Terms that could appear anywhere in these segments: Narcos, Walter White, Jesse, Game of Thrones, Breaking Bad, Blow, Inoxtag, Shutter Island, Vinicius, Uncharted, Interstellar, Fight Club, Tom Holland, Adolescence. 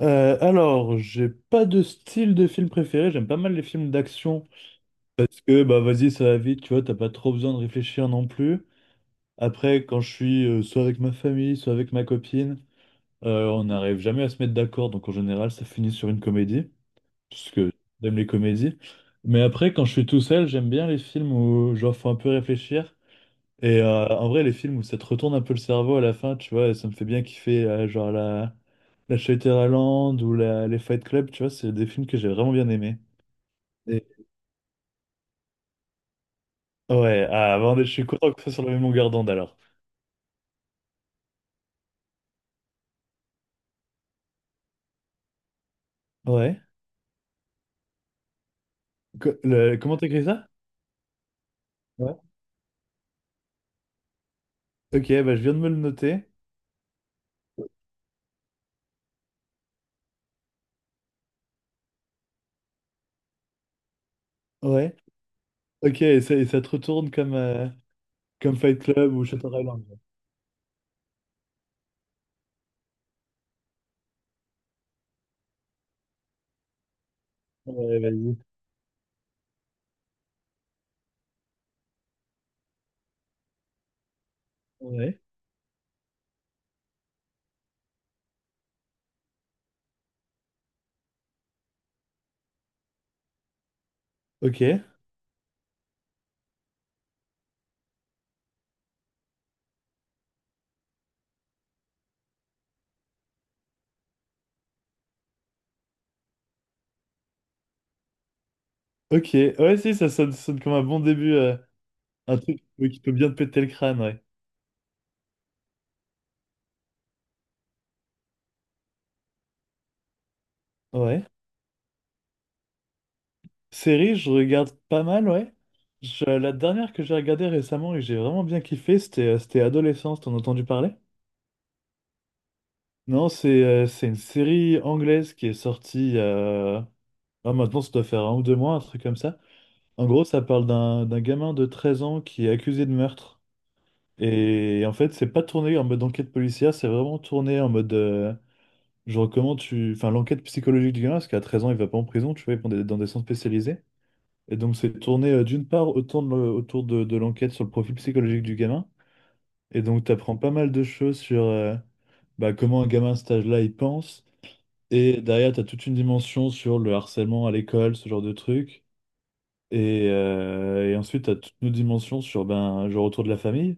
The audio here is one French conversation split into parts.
Alors, j'ai pas de style de film préféré, j'aime pas mal les films d'action parce que bah vas-y, ça va vite, tu vois, t'as pas trop besoin de réfléchir non plus. Après, quand je suis soit avec ma famille, soit avec ma copine, on n'arrive jamais à se mettre d'accord, donc en général, ça finit sur une comédie, parce que j'aime les comédies. Mais après, quand je suis tout seul, j'aime bien les films où genre faut un peu réfléchir. Et en vrai, les films où ça te retourne un peu le cerveau à la fin, tu vois, ça me fait bien kiffer, genre la Shutter Island ou les Fight Club, tu vois, c'est des films que j'ai vraiment bien aimés. Et- Ouais, ah, bon, je suis content que ce soit sur la même longueur d'onde alors. Ouais. Comment t'écris ça? Ouais. Ok, bah, je viens de me le noter. Ouais. Ok, et ça, te retourne comme Fight Club ou Shutter Island. Ouais, vas-y. Ouais. Ok. Ok. Ouais, si, ça sonne comme un bon début, un truc qui peut bien te péter le crâne, ouais. Ouais. Série, je regarde pas mal, ouais. La dernière que j'ai regardée récemment et que j'ai vraiment bien kiffé, c'était Adolescence, t'en as entendu parler? Non, c'est une série anglaise qui est sortie. Ah, maintenant, ça doit faire 1 ou 2 mois, un truc comme ça. En gros, ça parle d'un gamin de 13 ans qui est accusé de meurtre. Et en fait, c'est pas tourné en mode enquête policière, c'est vraiment tourné en mode, genre, comment tu. Enfin, l'enquête psychologique du gamin, parce qu'à 13 ans, il va pas en prison, tu vois, il va dans des centres spécialisés. Et donc, c'est tourné d'une part autour de l'enquête sur le profil psychologique du gamin. Et donc, tu apprends pas mal de choses sur bah, comment un gamin à cet âge-là, il pense. Et derrière, tu as toute une dimension sur le harcèlement à l'école, ce genre de truc. Et ensuite, tu as toute une dimension sur ben, genre autour de la famille.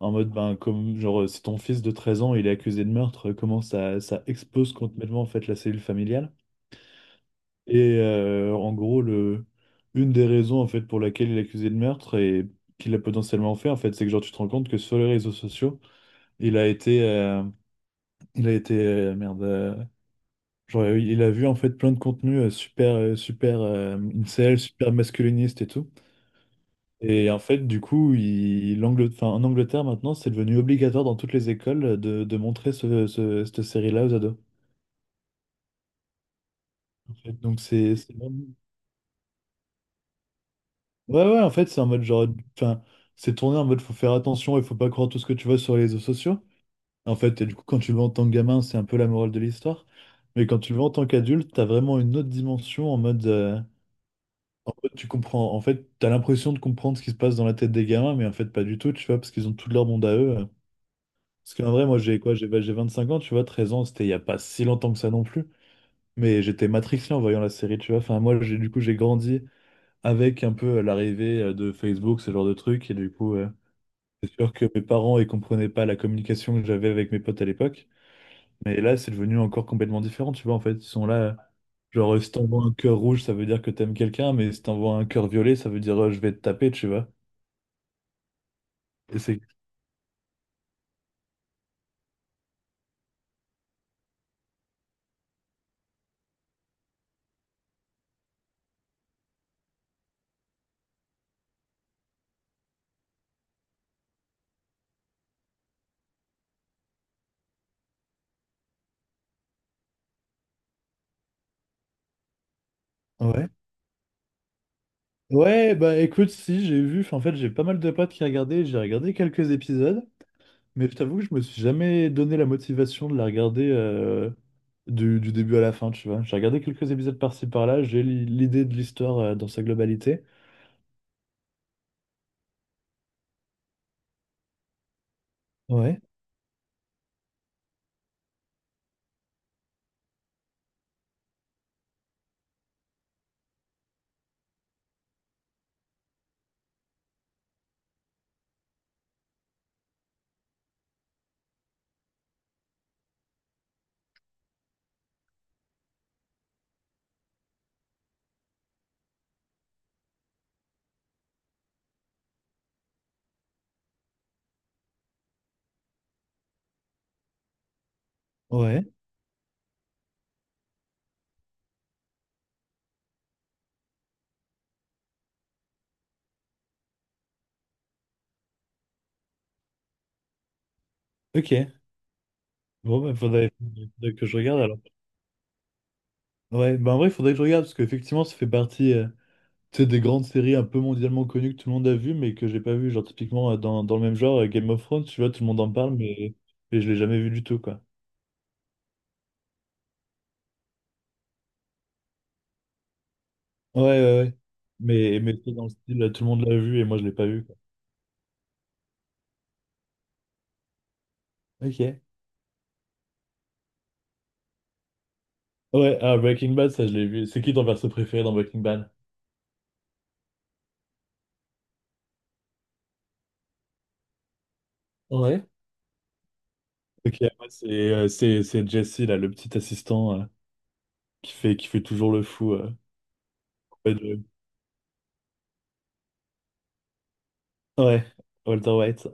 En mode, ben, comme, genre, si ton fils de 13 ans, il est accusé de meurtre, comment ça, ça expose complètement en fait, la cellule familiale. Et en gros, une des raisons en fait pour laquelle il est accusé de meurtre et qu'il a potentiellement fait, en fait, c'est que genre tu te rends compte que sur les réseaux sociaux, il a été, euh, il a été genre il a vu en fait plein de contenus super incel, super masculiniste et tout. Et en fait, du coup, enfin, en Angleterre maintenant, c'est devenu obligatoire dans toutes les écoles de montrer cette série-là aux ados. En fait, donc c'est ouais, ouais, en fait, c'est en mode genre. Enfin, c'est tourné en mode faut faire attention et faut pas croire tout ce que tu vois sur les réseaux sociaux. En fait, et du coup, quand tu le vois en tant que gamin, c'est un peu la morale de l'histoire. Mais quand tu le vois en tant qu'adulte, t'as vraiment une autre dimension en mode, tu comprends. En fait, t'as l'impression de comprendre ce qui se passe dans la tête des gamins, mais en fait, pas du tout, tu vois, parce qu'ils ont tout leur monde à eux. Parce qu'en vrai, moi, j'ai quoi? J'ai bah, j'ai 25 ans, tu vois, 13 ans, c'était il y a pas si longtemps que ça non plus. Mais j'étais matrixé en voyant la série, tu vois. Enfin, moi, j'ai du coup, j'ai grandi avec un peu l'arrivée de Facebook, ce genre de truc, et du coup. C'est sûr que mes parents, ils comprenaient pas la communication que j'avais avec mes potes à l'époque. Mais là, c'est devenu encore complètement différent, tu vois. En fait, ils sont là. Genre, si t'envoies un cœur rouge, ça veut dire que t'aimes quelqu'un. Mais si t'envoies un cœur violet, ça veut dire je vais te taper, tu vois. Et c'est... Ouais. Ouais, bah écoute, si, j'ai vu. Enfin, en fait, j'ai pas mal de potes qui regardaient. J'ai regardé quelques épisodes. Mais je t'avoue que je me suis jamais donné la motivation de la regarder du début à la fin, tu vois. J'ai regardé quelques épisodes par-ci par-là. J'ai l'idée de l'histoire dans sa globalité. Ouais, ouais. Ok. Bon, il faudrait que je regarde alors. Ouais, bah en vrai, il faudrait que je regarde parce qu'effectivement, ça fait partie tu sais, des grandes séries un peu mondialement connues que tout le monde a vues, mais que j'ai pas vues. Genre, typiquement, dans le même genre, Game of Thrones, tu vois, tout le monde en parle, mais je l'ai jamais vu du tout, quoi. Ouais, ouais, ouais. Mais c'est dans le style, tout le monde l'a vu et moi, je l'ai pas vu, quoi. Ok. Ouais, ah, Breaking Bad, ça, je l'ai vu. C'est qui ton perso préféré dans Breaking Bad? Ouais. Ok, moi, c'est Jesse, là, le petit assistant qui fait toujours le fou. auprès de- Ouais, Walter White.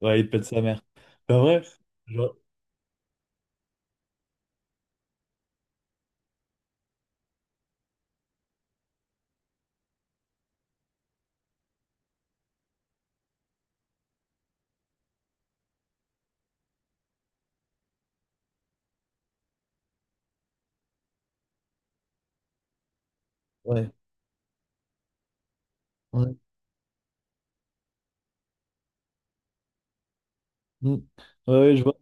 Ouais, il pète sa mère. Bah bref, genre, ouais. Ouais, Mm. Ouais, ouais, je vois.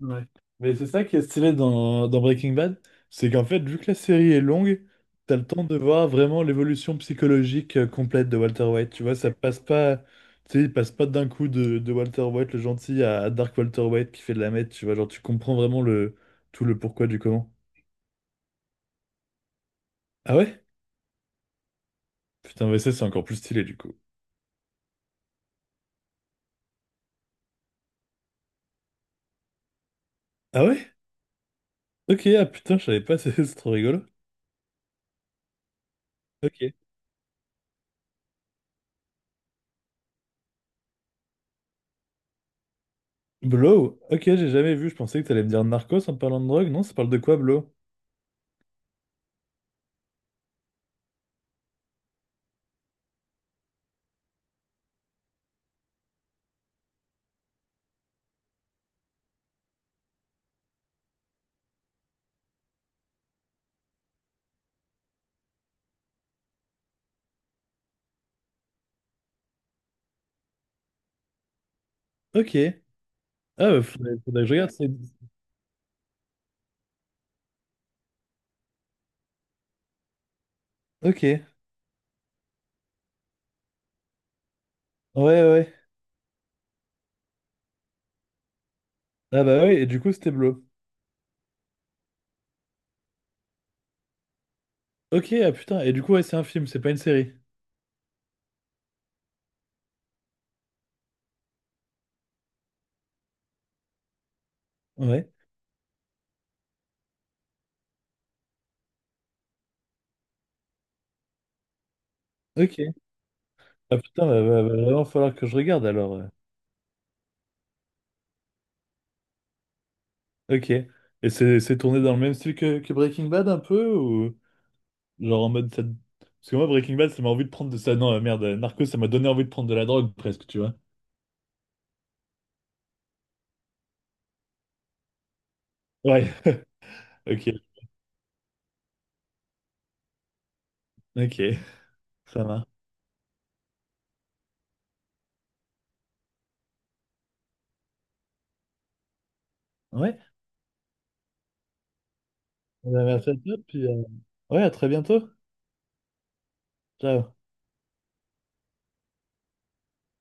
Ouais. Mais c'est ça qui est stylé dans Breaking Bad, c'est qu'en fait, vu que la série est longue, t'as le temps de voir vraiment l'évolution psychologique complète de Walter White. Tu vois, ça passe pas, tu sais, il passe pas d'un coup de Walter White le gentil à Dark Walter White qui fait de la meth. Tu vois, genre, tu comprends vraiment tout le pourquoi du comment. Ah ouais? Putain, mais ça, c'est encore plus stylé du coup. Ah ouais? Ok, ah putain, je savais pas, c'est trop rigolo. Ok. Blow? Ok, j'ai jamais vu. Je pensais que t'allais me dire Narcos en parlant de drogue. Non, ça parle de quoi, Blow? Ok. Ah, bah, faudrait que je regarde. Ok. Ouais, ouais. Ah bah ouais, et du coup, c'était Blow. Ok, ah putain. Et du coup, ouais, c'est un film, c'est pas une série. Ouais. Ok. Ah putain, va vraiment falloir que je regarde alors. Ok. Et c'est tourné dans le même style que Breaking Bad un peu ou genre en mode ça. Parce que moi Breaking Bad ça m'a envie de prendre de ça. Non, merde, Narcos ça m'a donné envie de prendre de la drogue presque, tu vois. Ouais. Ok. Ok. Ça va. Ouais. Eh bien, merci à toi, puis ouais, à très bientôt. Ciao.